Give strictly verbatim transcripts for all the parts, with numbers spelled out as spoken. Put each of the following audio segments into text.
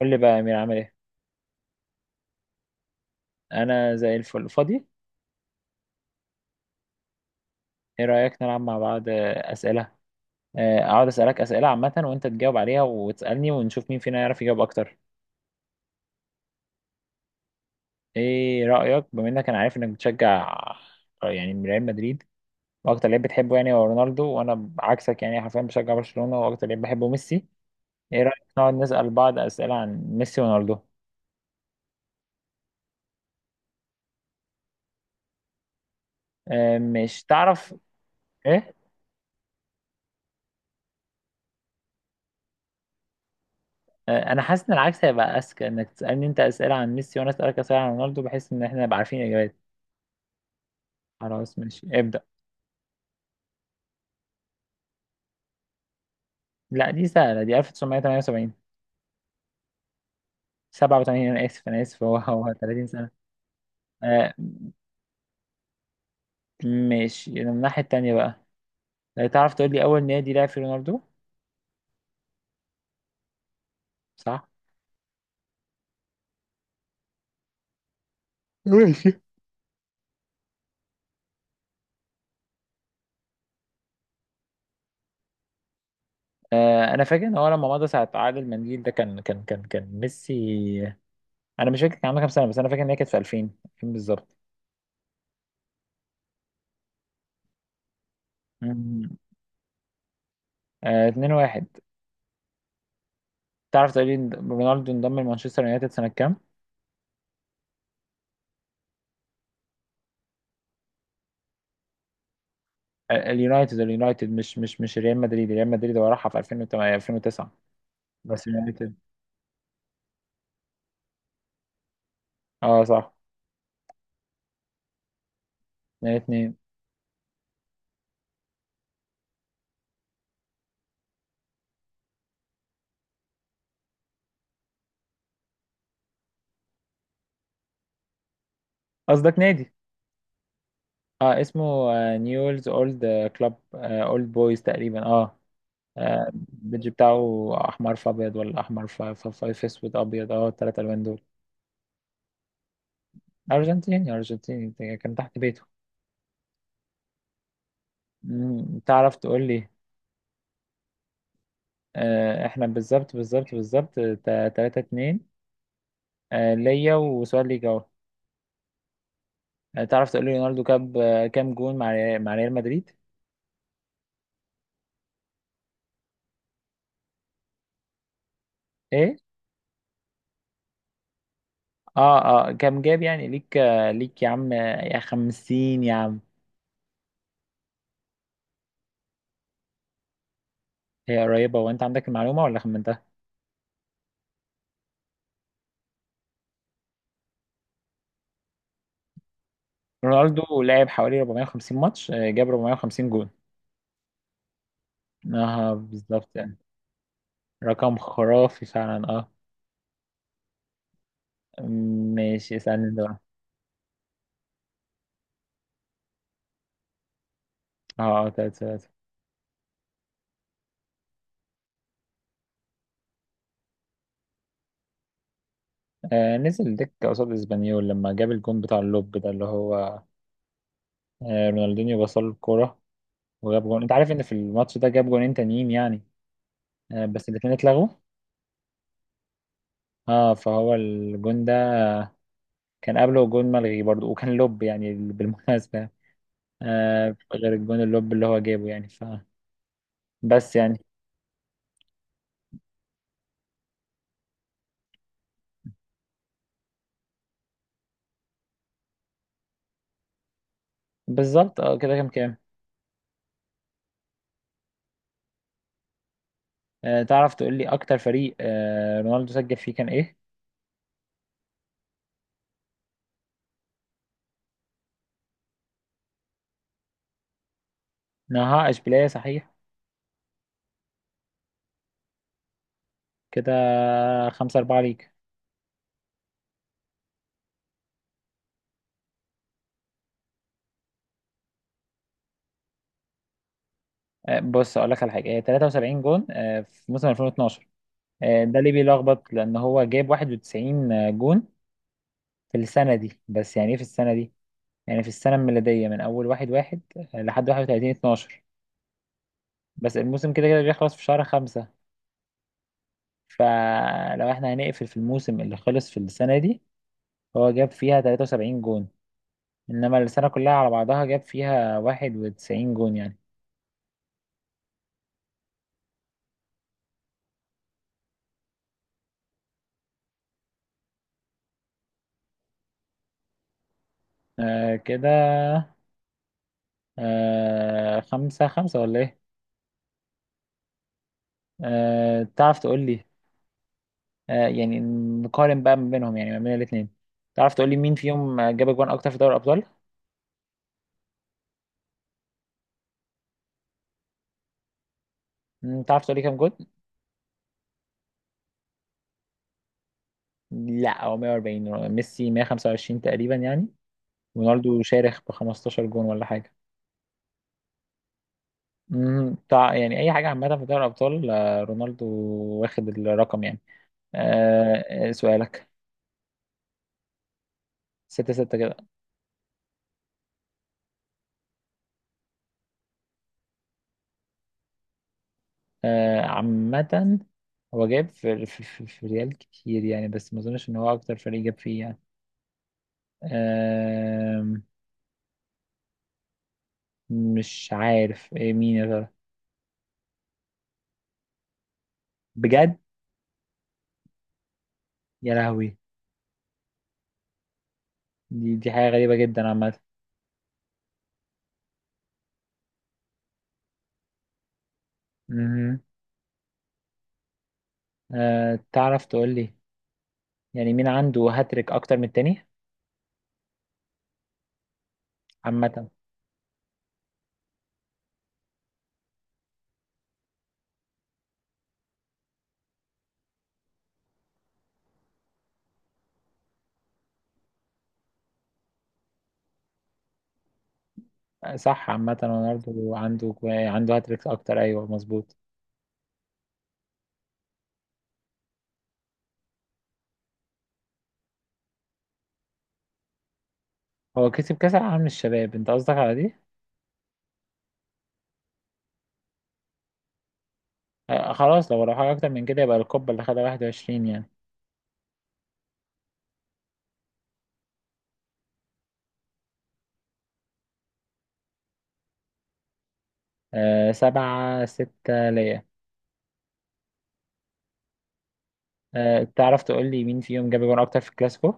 قول لي بقى يا أمير عامل إيه؟ أنا زي الفل فاضي؟ إيه رأيك نلعب مع بعض آه، أسئلة؟ آه، أقعد أسألك أسئلة عامة وأنت تجاوب عليها وتسألني ونشوف مين فينا يعرف يجاوب أكتر. إيه رأيك بما إنك أنا عارف إنك بتشجع آه، يعني ريال مدريد، وأكتر لعيب بتحبه يعني هو رونالدو، وأنا عكسك يعني حرفيا بشجع برشلونة وأكتر لعيب بحبه ميسي. إيه رأيك نقعد نسأل بعض أسئلة عن ميسي ورونالدو؟ آه، مش تعرف إيه؟ آه، أنا حاسس إن العكس هيبقى أذكى، إنك تسألني أنت أسئلة عن ميسي وأنا أسألك أسئلة عن رونالدو، بحيث إن إحنا نبقى عارفين الإجابات. خلاص ماشي، ابدأ. لا دي سهلة، دي ألف وتسعمية وتمانية وسبعين. سبعة وتمانين، أنا آسف أنا آسف، هو هو تلاتين سنة. آه. ماشي، من الناحية التانية بقى. آه، تعرف تقول لي أول نادي لعب فيه رونالدو؟ صح؟ آه أنا فاكر إن هو لما مضى ساعة عقد المنديل ده كان كان كان كان ميسي. أنا مش فاكر كان عنده كام سنة، بس أنا فاكر إن هي كانت في ألفين. ألفين بالظبط. مم. آه اتنين واحد. تعرف تقول لي إن رونالدو انضم لمانشستر يونايتد سنة كام؟ آه، اليونايتد، اليونايتد مش مش مش ريال مدريد. ريال مدريد هو راحها في ألفين وتمانية ألفين وتسعة. بس اليونايتد. اه صح. من الاثنين. قصدك نادي؟ اه اسمه. آه نيولز اولد. كلاب اولد بويز تقريبا اه. آه، البيدج بتاعه احمر في ابيض، ولا احمر في في- في- في اسود ابيض، اه الثلاث الوان دول. ارجنتيني ارجنتيني، كان تحت بيته. مم، تعرف تقول لي. آه احنا بالظبط بالظبط بالظبط تلاتة اتنين. آه ليا وسؤال ليك اهو. آه، تعرف تقول لي رونالدو جاب آه، كام جون مع ريال- مع ريال مدريد؟ ايه؟ اه اه كام جاب يعني ليك آه، ليك يا عم آه، يا خمسين يا عم. هي قريبة، وانت عندك المعلومة ولا خمنتها؟ رونالدو لعب حوالي أربعمية وخمسين ماتش، آه، جاب أربعمية وخمسين جون. اه بالظبط يعني. رقم خرافي فعلا اه. ماشي، اسألني ده. اه اه تلاتة تلاتة. آه نزل دكة قصاد اسبانيول لما جاب الجون بتاع اللوب ده اللي هو آه رونالدينيو بصل له الكورة وجاب جون. انت عارف ان في الماتش ده جاب جونين تانيين يعني آه بس الاتنين اتلغوا. اه فهو الجون ده كان قبله جون ملغي برضو، وكان لوب يعني بالمناسبة، آه غير الجون اللوب اللي هو جابه يعني ف بس يعني. بالظبط اه. كده كام كام؟ آه تعرف تقول لي اكتر فريق آه رونالدو سجل فيه كان ايه؟ نهائش بلاي صحيح. كده خمسة أربعة ليك. آه بص أقول لك على حاجة، آه تلاتة وسبعين جون آه في موسم ألفين واتناشر. آه ده ليه بيلخبط؟ لأن هو جايب واحد وتسعين جون في السنة دي. بس يعني إيه في السنة دي؟ يعني في السنة الميلادية من أول واحد واحد آه، لحد واحد وتلاتين اتناشر. بس الموسم كده كده بيخلص في شهر خمسة. فلو احنا هنقفل في الموسم اللي خلص في السنة دي، هو جاب فيها تلاتة وسبعين جون. انما السنة كلها على بعضها جاب فيها واحد وتسعين جون يعني. آه كده. آه خمسة خمسة ولا ايه؟ آه تعرف تقول لي، آه يعني نقارن بقى ما بينهم، يعني ما بين الاتنين. تعرف تقول لي مين فيهم جاب اجوان اكتر في دوري الابطال؟ مم، تعرف تقول لي كام جون؟ لا، هو مية وأربعين ميسي، مية وخمسة وعشرين تقريبا يعني. رونالدو شارخ ب خمستاشر جون ولا حاجة. مم، تع... يعني اي حاجة عامة في دوري الابطال آه، رونالدو واخد الرقم يعني. آه، آه، سؤالك. ستة ستة كده. آه، عامة هو جايب في, في, في, في ريال كتير يعني، بس ما اظنش ان هو اكتر فريق جاب فيه يعني. آم، مش عارف إيه مين يا ترى. بجد. يا لهوي. دي دي حاجة غريبة جدا عامة. مهم. آه، تعرف تقول لي يعني مين عنده هاتريك اكتر من التاني؟ عامة. آه، صح، عامة رونالدو عنده كو- عنده هاتريك اكتر، ايوه مظبوط. هو كسب كاس العالم للشباب؟ انت قصدك على دي؟ آه، خلاص، لو راح اكتر من كده يبقى الكوبا اللي خدها واحد وعشرين يعني. آه سبعة ستة ليا. آه تعرف تقول لي مين فيهم جاب جون أكتر في الكلاسيكو؟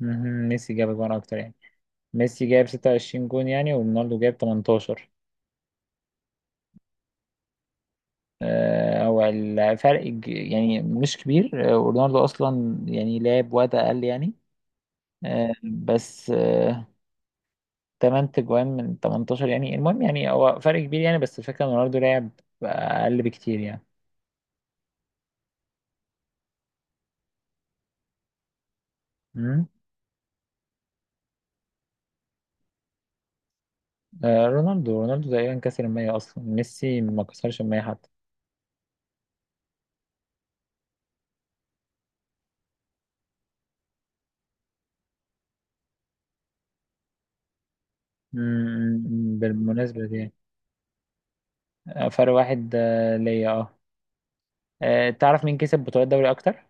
مهم، ميسي جاب جون أكتر يعني. ميسي جاب ستة وعشرين جون يعني، ورونالدو جاب تمنتاشر. آه هو الفرق ج- يعني مش كبير، آه ورونالدو أصلا يعني لعب وقت أقل يعني. آه بس آه تمن تجوان من تمنتاشر يعني، المهم يعني هو فرق كبير يعني، بس الفكرة إن رونالدو لعب أقل بكتير يعني. مم. آه رونالدو رونالدو تقريبا كسر المية. أصلا ميسي ما كسرش المية حتى. امم، بالمناسبة دي. آه، فرق واحد آه، ليا اه. آه، تعرف مين كسب بطولات دوري أكتر؟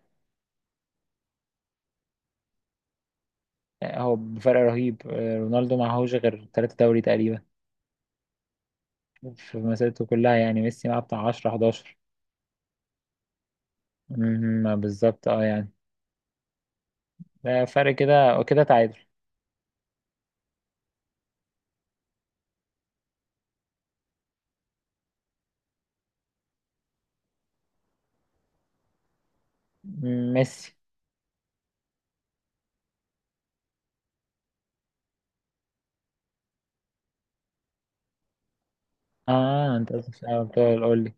آه، هو بفرق رهيب، آه، رونالدو معهوش غير تلاتة دوري تقريبا في مسيرته كلها يعني. ميسي معاه بتاع عشرة حداشر. امم بالظبط اه يعني. ده فرق، كده وكده تعادل. مم، ميسي. اه انت قصدك، اه بتقول قول لي.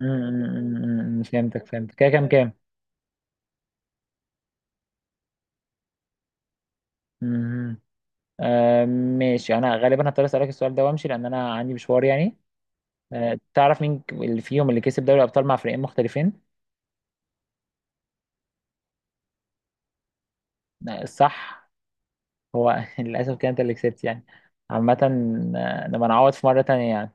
مم، مم، مم، مم، فهمتك فهمتك. كده كام كام؟ مم. آه ماشي، انا غالبا هضطر اسالك السؤال ده وامشي لان انا عندي مشوار يعني. آه، تعرف مين اللي فيهم اللي كسب دوري ابطال مع فريقين مختلفين؟ آه، الصح. هو للاسف كده انت اللي كسبت يعني. عامة آه، نبقى نعوض في مرة تانية يعني.